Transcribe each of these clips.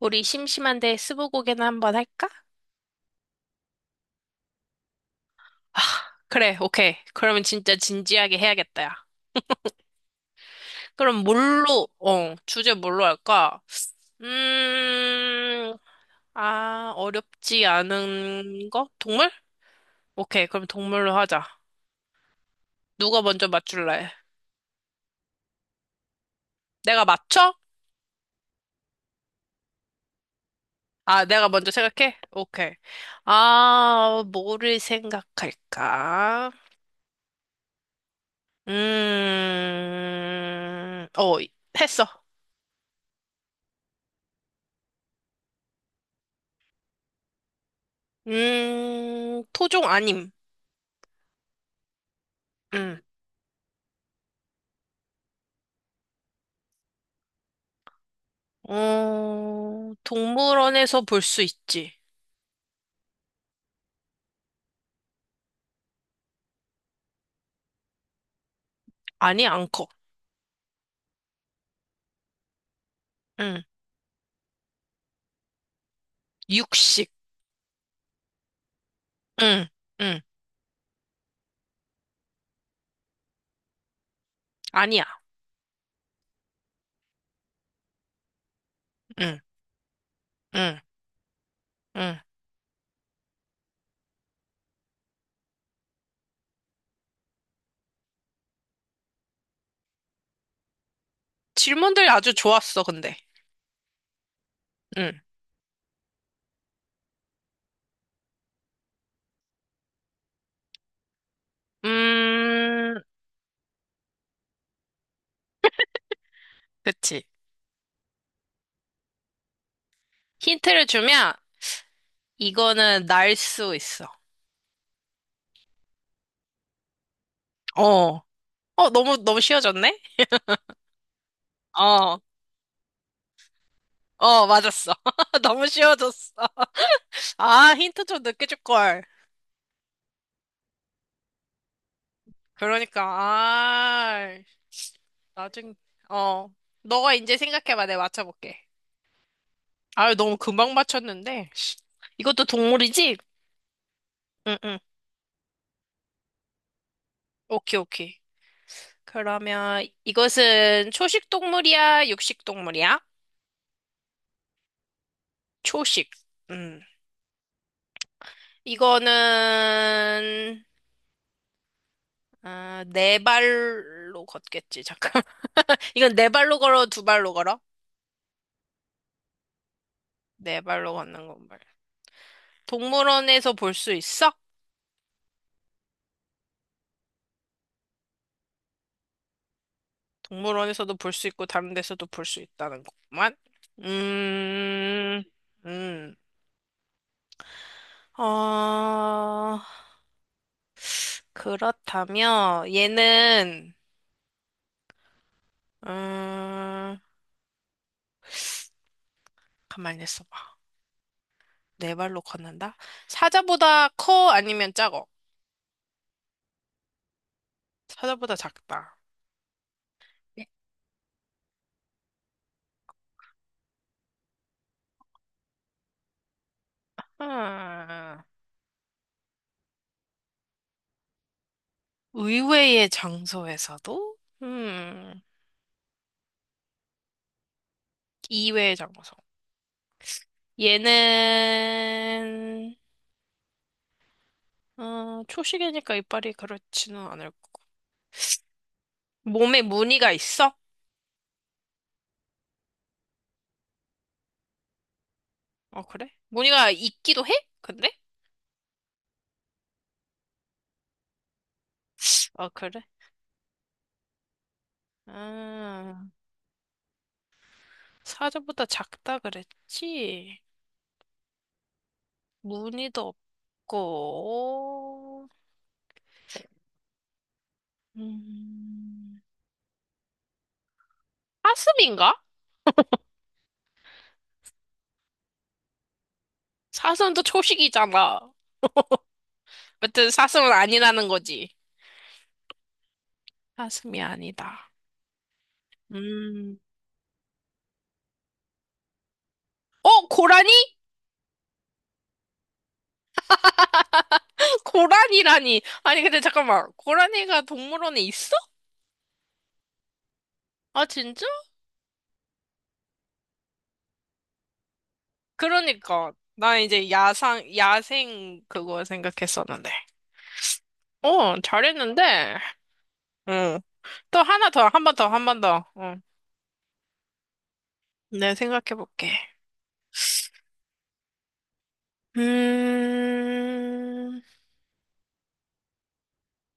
우리 심심한데 스무고개나 한번 할까? 아, 그래, 오케이. 그러면 진짜 진지하게 해야겠다, 야. 그럼 뭘로, 주제 뭘로 할까? 음, 아, 어렵지 않은 거? 동물? 오케이, 그럼 동물로 하자. 누가 먼저 맞출래? 내가 맞춰? 아, 내가 먼저 생각해? 오케이. 아, 뭐를 생각할까? 음, 어, 했어. 토종 아님. 응. 어, 동물원에서 볼 수 있지. 아니, 안 커. 응. 육식. 응. 응. 아니야. 응. 응. 응. 질문들 아주 좋았어, 근데. 응. 음, 그치. 힌트를 주면, 이거는 날 수 있어. 어. 어, 너무 쉬워졌네? 어. 어, 맞았어. 너무 쉬워졌어. 아, 힌트 좀 늦게 줄걸. 그러니까, 아. 나중, 어, 너가 이제 생각해봐. 내가 맞춰볼게. 아유, 너무 금방 맞췄는데. 이것도 동물이지? 응, 응. 오케이, 오케이. 그러면 이것은 초식 동물이야? 육식 동물이야? 초식. 음. 이거는, 아, 네 발로 걷겠지. 잠깐. 이건 네 발로 걸어, 두 발로 걸어? 네 발로 걷는 건말 동물원에서 볼 수 있어? 동물원에서도 볼 수 있고 다른 데서도 볼 수 있다는 것만? 음, 음. 어, 그렇다면 얘는 음, 가만히 있어봐. 네 발로 걷는다? 사자보다 커 아니면 작어? 사자보다 작다. 네. 음, 의외의 장소에서도? 음, 이외의 장소. 얘는, 어, 초식이니까 이빨이 그렇지는 않을 거고. 몸에 무늬가 있어? 어, 그래? 무늬가 있기도 해? 근데? 어, 그래? 아, 사자보다 작다 그랬지? 무늬도 없고, 음, 사슴인가? 사슴도 초식이잖아. 아무튼 사슴은 아니라는 거지. 사슴이 아니다. 음. 어, 고라니? 고라니라니. 아니, 근데 잠깐만. 고라니가 동물원에 있어? 아, 진짜? 그러니까 나 이제 야상 야생 그거 생각했었는데. 어, 잘했는데. 응. 또 하나 더, 한 번 더, 한 번 더. 응. 네, 생각해 볼게. 음.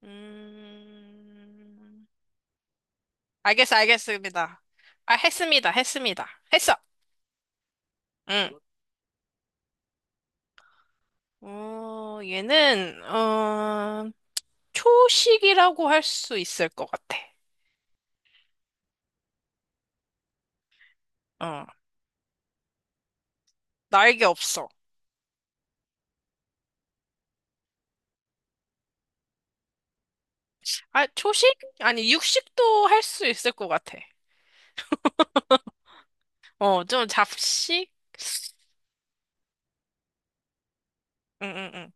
음. 알겠어, 알겠습니다. 아, 했습니다. 했습니다. 했어. 응. 어, 얘는 초식이라고 할 수 있을 것 같아. 어. 날개 없어. 아, 초식? 아니, 육식도 할 수 있을 것 같아. 어, 좀 잡식? 응, 응, 응,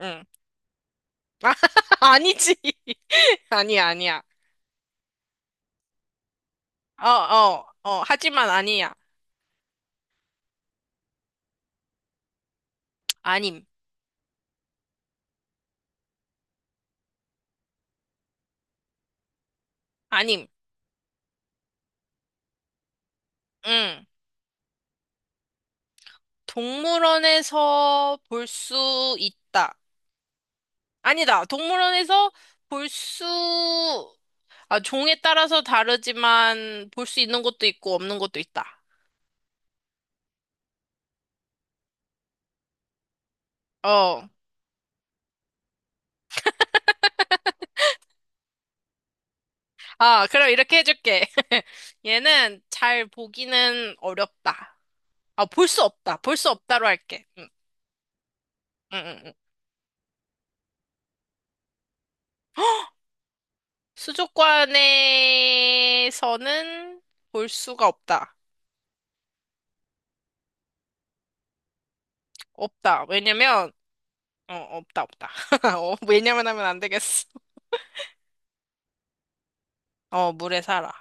응. 아니지. 아니야, 아니야. 어, 어, 어, 하지만 아니야. 아님, 아님. 응. 동물원에서 볼 수 있다. 아니다. 동물원에서 볼 수, 아, 종에 따라서 다르지만 볼 수 있는 것도 있고 없는 것도 있다. 어. 아, 그럼 이렇게 해줄게. 얘는 잘 보기는 어렵다. 아, 볼 수 없다. 볼 수 없다로 할게. 응. 응, 응, 응. 수족관에서는 볼 수가 없다. 없다. 왜냐면, 어, 없다, 없다. 어, 왜냐면 하면 안 되겠어. 어, 물에 살아.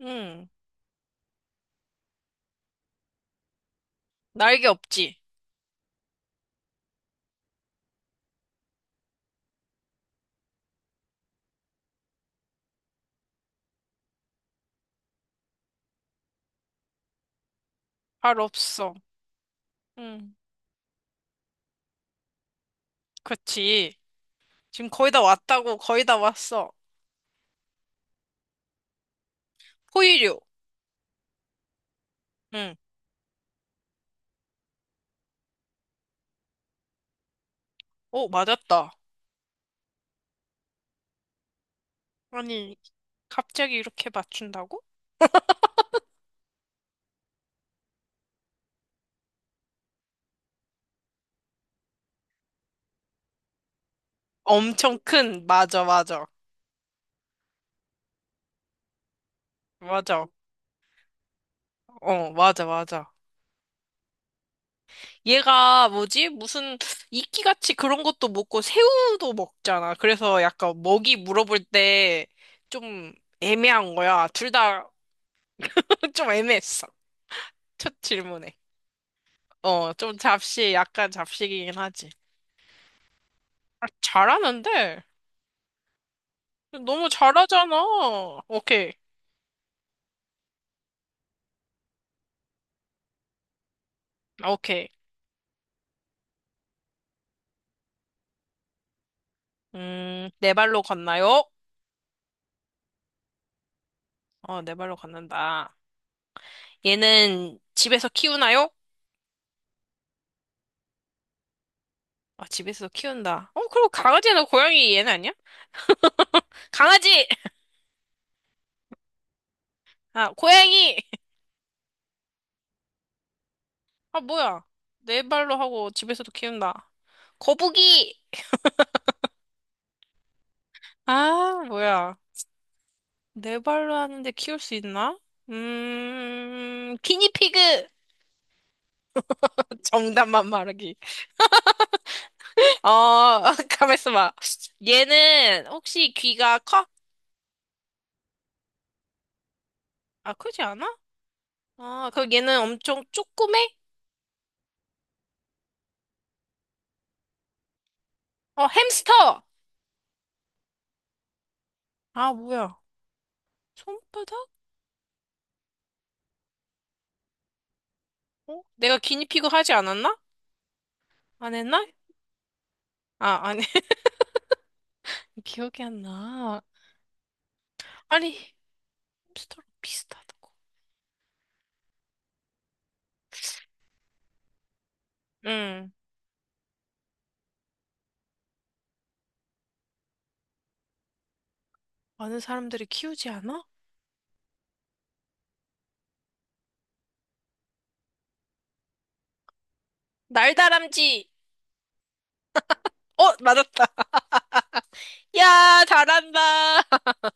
응. 날개 없지. 발 없어. 응. 그렇지. 지금 거의 다 왔다고, 거의 다 왔어. 포유류. 응. 오, 맞았다. 아니, 갑자기 이렇게 맞춘다고? 엄청 큰, 맞아, 맞아. 맞아. 어, 맞아, 맞아. 얘가 뭐지? 무슨 이끼같이 그런 것도 먹고 새우도 먹잖아. 그래서 약간 먹이 물어볼 때 좀 애매한 거야. 둘 다 좀 애매했어. 첫 질문에. 어, 좀 잡식, 약간 잡식이긴 하지. 아, 잘하는데? 너무 잘하잖아. 오케이, 아, 오케이. 네 발로 걷나요? 어, 네 발로 걷는다. 얘는 집에서 키우나요? 아, 집에서 키운다. 어, 그럼 강아지나 고양이 얘는 아니야? 강아지! 아, 고양이! 아, 뭐야. 네 발로 하고 집에서도 키운다. 거북이! 아, 뭐야. 네 발로 하는데 키울 수 있나? 기니피그! 정답만 말하기. 어, 가만있어 봐. 얘는 혹시 귀가 커? 아, 크지 않아? 아, 그럼 얘는 엄청 쪼그매? 어, 햄스터! 아, 뭐야. 손바닥? 어? 내가 기니피그 하지 않았나? 안 했나? 아, 아니. 기억이 안 나. 아니. 햄스터랑 비슷하다고. 응. 많은 사람들이 키우지 않아? 날다람쥐! 어, 맞았다. 야, 잘한다.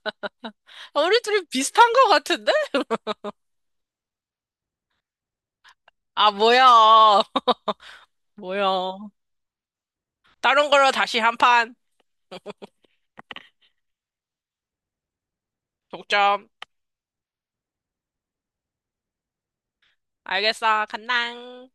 우리 둘이 비슷한 것 같은데? 아, 뭐야. 뭐야. 다른 걸로 다시 한 판. 독점. 알겠어. 간당.